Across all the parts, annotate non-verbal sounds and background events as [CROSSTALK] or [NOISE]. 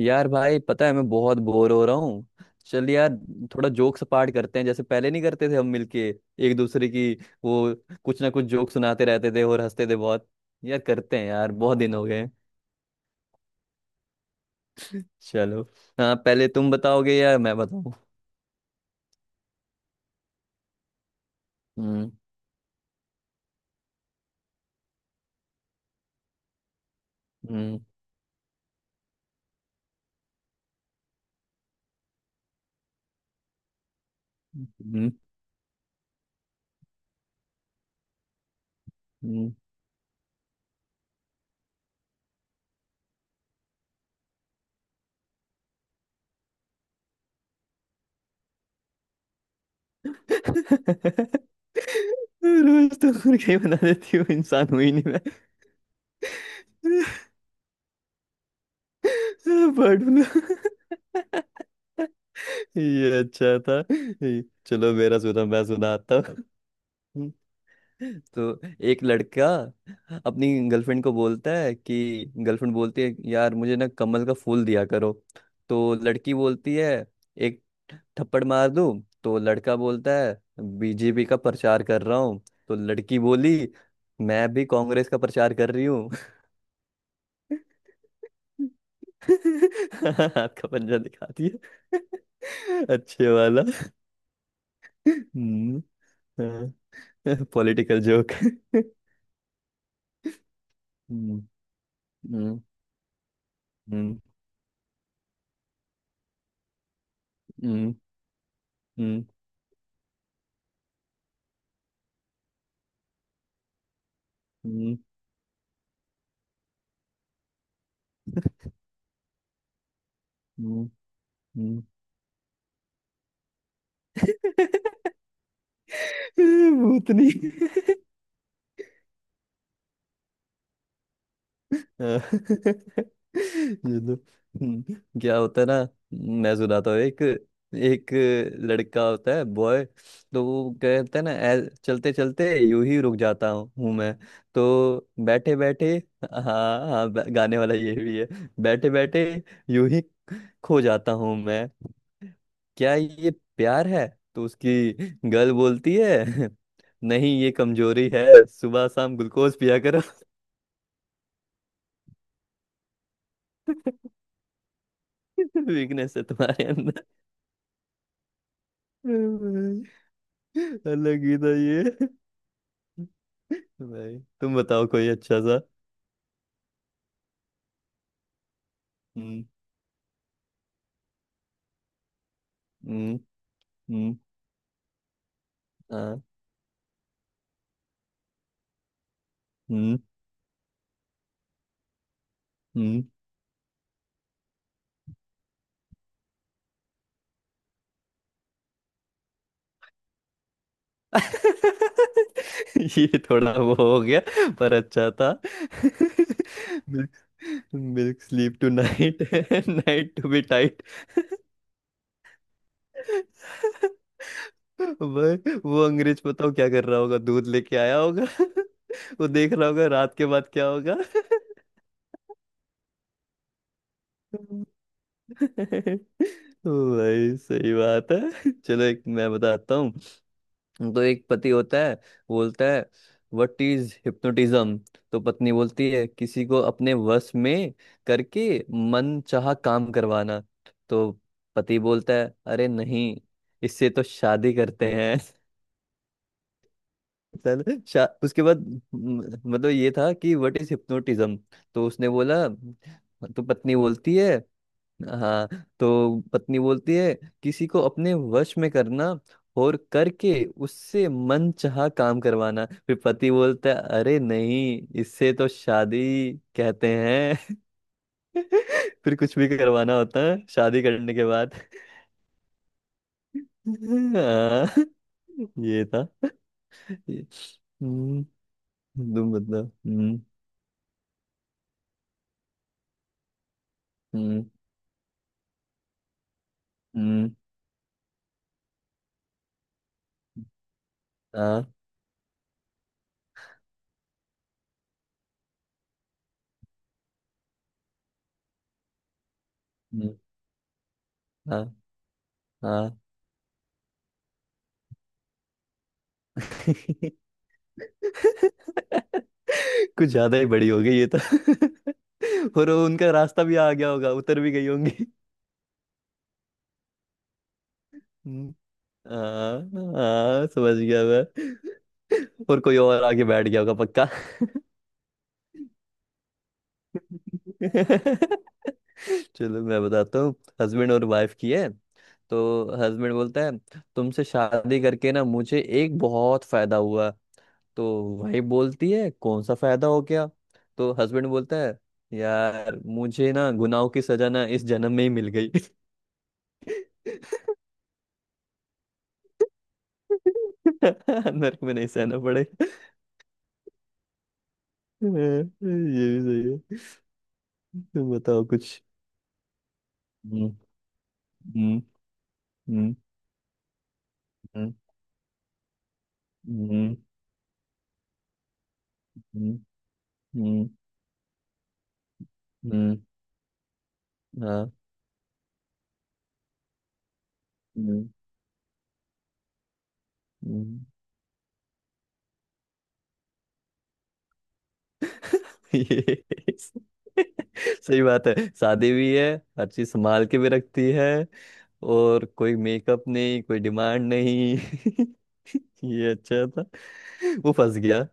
यार भाई पता है मैं बहुत बोर हो रहा हूँ। चल यार, थोड़ा जोक्स पार्ट करते हैं, जैसे पहले नहीं करते थे हम मिलके एक दूसरे की। वो कुछ ना कुछ जोक सुनाते रहते थे और हंसते थे बहुत। यार करते हैं यार, बहुत दिन हो गए। चलो। हाँ, पहले तुम बताओगे या मैं बताऊँ? हम्म। हम्म। हम्म। हम्म। [LAUGHS] रोज तो मुर्गा ही बना देती हूँ, इंसान हुई नहीं मैं। [LAUGHS] Bird flu. [LAUGHS] ये अच्छा था। चलो मेरा सुना, मैं सुनाता हूँ। तो एक लड़का अपनी गर्लफ्रेंड को बोलता है कि, गर्लफ्रेंड बोलती है यार मुझे ना कमल का फूल दिया करो। तो लड़की बोलती है एक थप्पड़ मार दूँ। तो लड़का बोलता है बीजेपी का प्रचार कर रहा हूँ। तो लड़की बोली मैं भी कांग्रेस का प्रचार कर रही हूँ। [LAUGHS] हाथ का पंजा दिखा दिया। [LAUGHS] अच्छे वाला। हम्म। हाँ। [LAUGHS] Political joke. हम्म। हम्म। हम्म। हम्म। हम्म। हम्म, हम्म, [LAUGHS] भूतनी। हाँ, [LAUGHS] ये तो हम्म, क्या होता है ना। मैं सुनाता हूँ एक। एक लड़का होता है बॉय। तो वो कहता है ना, चलते चलते यूं ही रुक जाता हूँ हूँ मैं। तो बैठे बैठे, हाँ हाँ, गाने वाला ये भी है। बैठे बैठे यूं ही खो जाता हूँ मैं, क्या ये प्यार है? तो उसकी गर्ल बोलती है नहीं ये कमजोरी है, सुबह शाम ग्लूकोज पिया करो। [LAUGHS] वीकनेस है तुम्हारे। भाई अलग ही था ये। भाई तुम बताओ कोई अच्छा सा। हम्म। हम्म। हम्म। हाँ, हम्म। हम्म। [LAUGHS] ये थोड़ा वो हो गया, पर अच्छा था। [LAUGHS] Milk, milk sleep tonight, night to be tight. [LAUGHS] भाई, वो अंग्रेज बताओ क्या कर रहा होगा, दूध लेके आया होगा। [LAUGHS] वो देख रहा होगा रात के बाद क्या होगा। [LAUGHS] [LAUGHS] भाई सही बात है, चलो एक मैं बताता हूँ। तो एक पति होता है, बोलता है व्हाट इज हिप्नोटिज्म। तो पत्नी बोलती है किसी को अपने वश में करके मन चाहा काम करवाना। तो पति बोलता है अरे नहीं, इससे तो शादी करते हैं। [LAUGHS] उसके बाद मतलब ये था कि व्हाट इज हिप्नोटिज्म। तो उसने बोला, तो पत्नी बोलती है, हाँ, तो पत्नी बोलती है किसी को अपने वश में करना और करके उससे मन चाहा काम करवाना। फिर पति बोलता है अरे नहीं, इससे तो शादी कहते हैं। [LAUGHS] फिर कुछ भी करवाना होता है शादी करने के बाद। [LAUGHS] हाँ। ये था। ये- हम्म। तुम बताओ। हम्म। हम्म। हम्म। हाँ। हम्म, हाँ, हाँ। [LAUGHS] [LAUGHS] कुछ ज्यादा ही बड़ी हो गई ये तो। [LAUGHS] और वो उनका रास्ता भी आ गया होगा, उतर भी गई होंगी। हम्म, हाँ। हाँ समझ गया मैं। [LAUGHS] और कोई और आके बैठ गया होगा पक्का। [LAUGHS] चलो मैं बताता हूँ। हस्बैंड और वाइफ की है। तो हस्बैंड बोलता है तुमसे शादी करके ना मुझे एक बहुत फायदा हुआ। तो भाई बोलती है कौन सा फायदा हो गया। तो हस्बैंड बोलता है यार मुझे ना गुनाहों की सजा ना इस जन्म में ही मिल गई। [LAUGHS] नरक में नहीं सहना पड़े। [LAUGHS] ये भी सही है। तुम बताओ कुछ। हम्म। हम्म। हम्म। हम्म। हम्म। हम्म। हम्म, हम्म, हाँ। हम्म। हम्म। [LAUGHS] ये। [LAUGHS] सही बात है, शादी भी है, हर चीज संभाल के भी रखती है, और कोई मेकअप नहीं, कोई डिमांड नहीं। [LAUGHS] ये अच्छा था। वो फंस गया।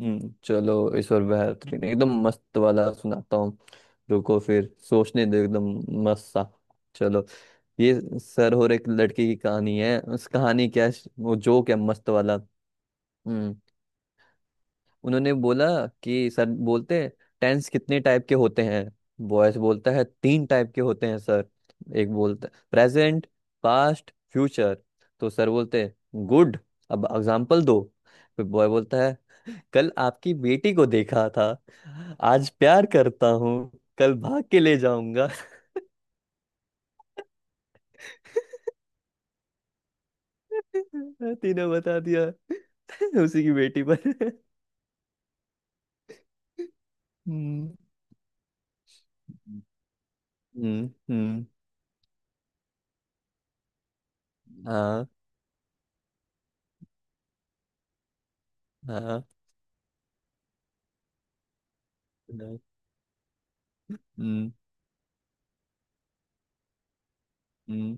हम्म, चलो इस और बेहतरीन एकदम मस्त वाला सुनाता हूँ। रुको फिर सोचने दो एकदम मस्त सा। चलो। ये सर और एक लड़की की कहानी है, उस कहानी क्या है, वो जोक है मस्त वाला। हम्म। उन्होंने बोला कि, सर बोलते हैं टेंस कितने टाइप के होते हैं? बॉयस बोलता है तीन टाइप के होते हैं सर। एक बोलता प्रेजेंट, पास्ट, फ्यूचर। तो सर बोलते हैं गुड, अब एग्जाम्पल दो। फिर बॉय बोलता है कल आपकी बेटी को देखा था, आज प्यार करता हूँ, कल भाग के ले जाऊंगा। [LAUGHS] तीनों बता दिया। [LAUGHS] उसी की बेटी पर। [LAUGHS] हम्म। हम्म। हम्म, हाँ। हाँ। हाँ, हम्म। हम्म।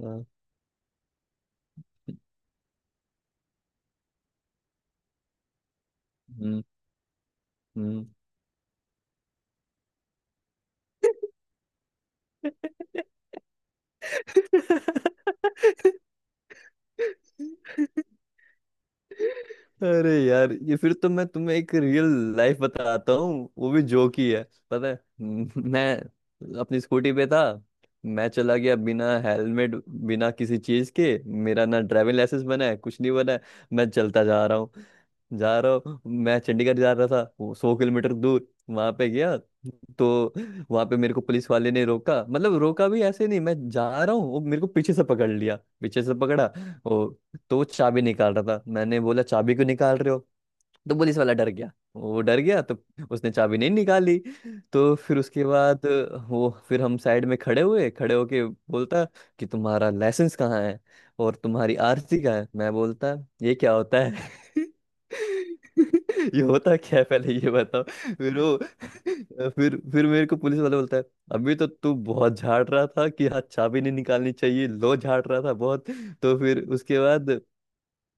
हाँ, हम्म। हम्म। [LAUGHS] [LAUGHS] है। अरे यार ये, फिर तो मैं तुम्हें एक रियल लाइफ बताता हूँ, वो भी जोक ही है। पता है, मैं अपनी स्कूटी पे था, मैं चला गया बिना हेलमेट बिना किसी चीज के, मेरा ना ड्राइविंग लाइसेंस बना है कुछ नहीं बना है। मैं चलता जा रहा हूँ, जा रहा हूँ, मैं चंडीगढ़ जा रहा था, वो 100 किलोमीटर दूर, वहां पे गया। तो वहां पे मेरे को पुलिस वाले ने रोका, मतलब रोका भी ऐसे नहीं, मैं जा रहा हूँ वो मेरे को पीछे से पकड़ लिया, पीछे से पकड़ा। तो वो चाबी निकाल रहा था, मैंने बोला चाबी क्यों निकाल रहे हो। तो पुलिस वाला डर गया, वो डर गया, तो उसने चाबी नहीं निकाली। तो फिर उसके बाद वो फिर हम साइड में खड़े हुए, खड़े होके बोलता कि तुम्हारा लाइसेंस कहाँ है और तुम्हारी आरसी कहाँ है। मैं बोलता ये क्या होता है? [LAUGHS] ये होता क्या है, पहले ये बताओ। फिर वो [LAUGHS] फिर मेरे को पुलिस वाला बोलता है अभी तो तू बहुत झाड़ रहा था कि हाथ चाबी नहीं निकालनी चाहिए, लो झाड़ रहा था बहुत। तो फिर उसके बाद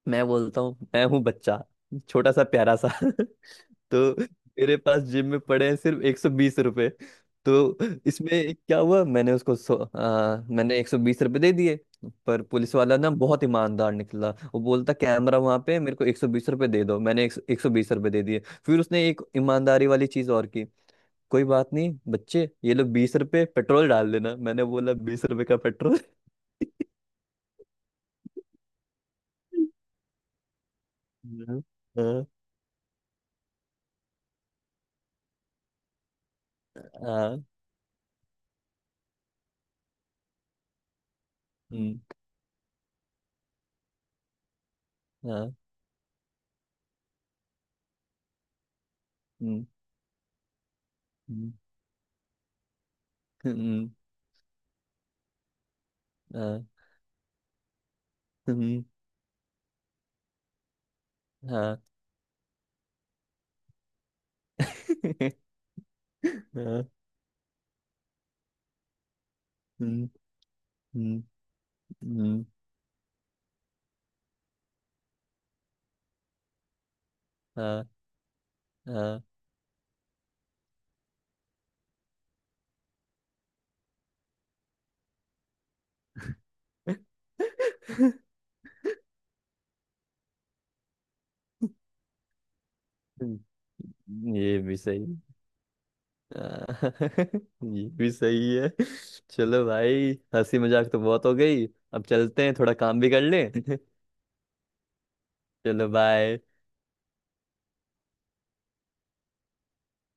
मैं बोलता हूँ मैं हूँ बच्चा, छोटा सा प्यारा सा। [LAUGHS] तो मेरे पास जिम में पड़े हैं सिर्फ 120 रुपये। तो इसमें क्या हुआ, मैंने उसको सौ मैंने 120 रुपये दे दिए। पर पुलिस वाला ना बहुत ईमानदार निकला, वो बोलता कैमरा वहां पे है, मेरे को 120 रुपये दे दो, मैंने एक सौ बीस रुपये दे दिए। फिर उसने एक ईमानदारी वाली चीज और की, कोई बात नहीं बच्चे ये लो 20 रुपये पेट्रोल डाल देना। मैंने बोला 20 रुपये का पेट्रोल। [LAUGHS] हाँ। हाँ। हाँ। हम्म, हाँ, हम्म। [LAUGHS] हम्म, हम्म, हाँ, हम्म, हाँ, [LAUGHS] हाँ, हम्म, हम्म, हम्म, हाँ, हाँ, हम्म, ये भी सही। हाँ, [LAUGHS] ये भी सही है। चलो भाई हंसी मजाक तो बहुत हो गई, अब चलते हैं, थोड़ा काम भी कर लें। [LAUGHS] चलो बाय।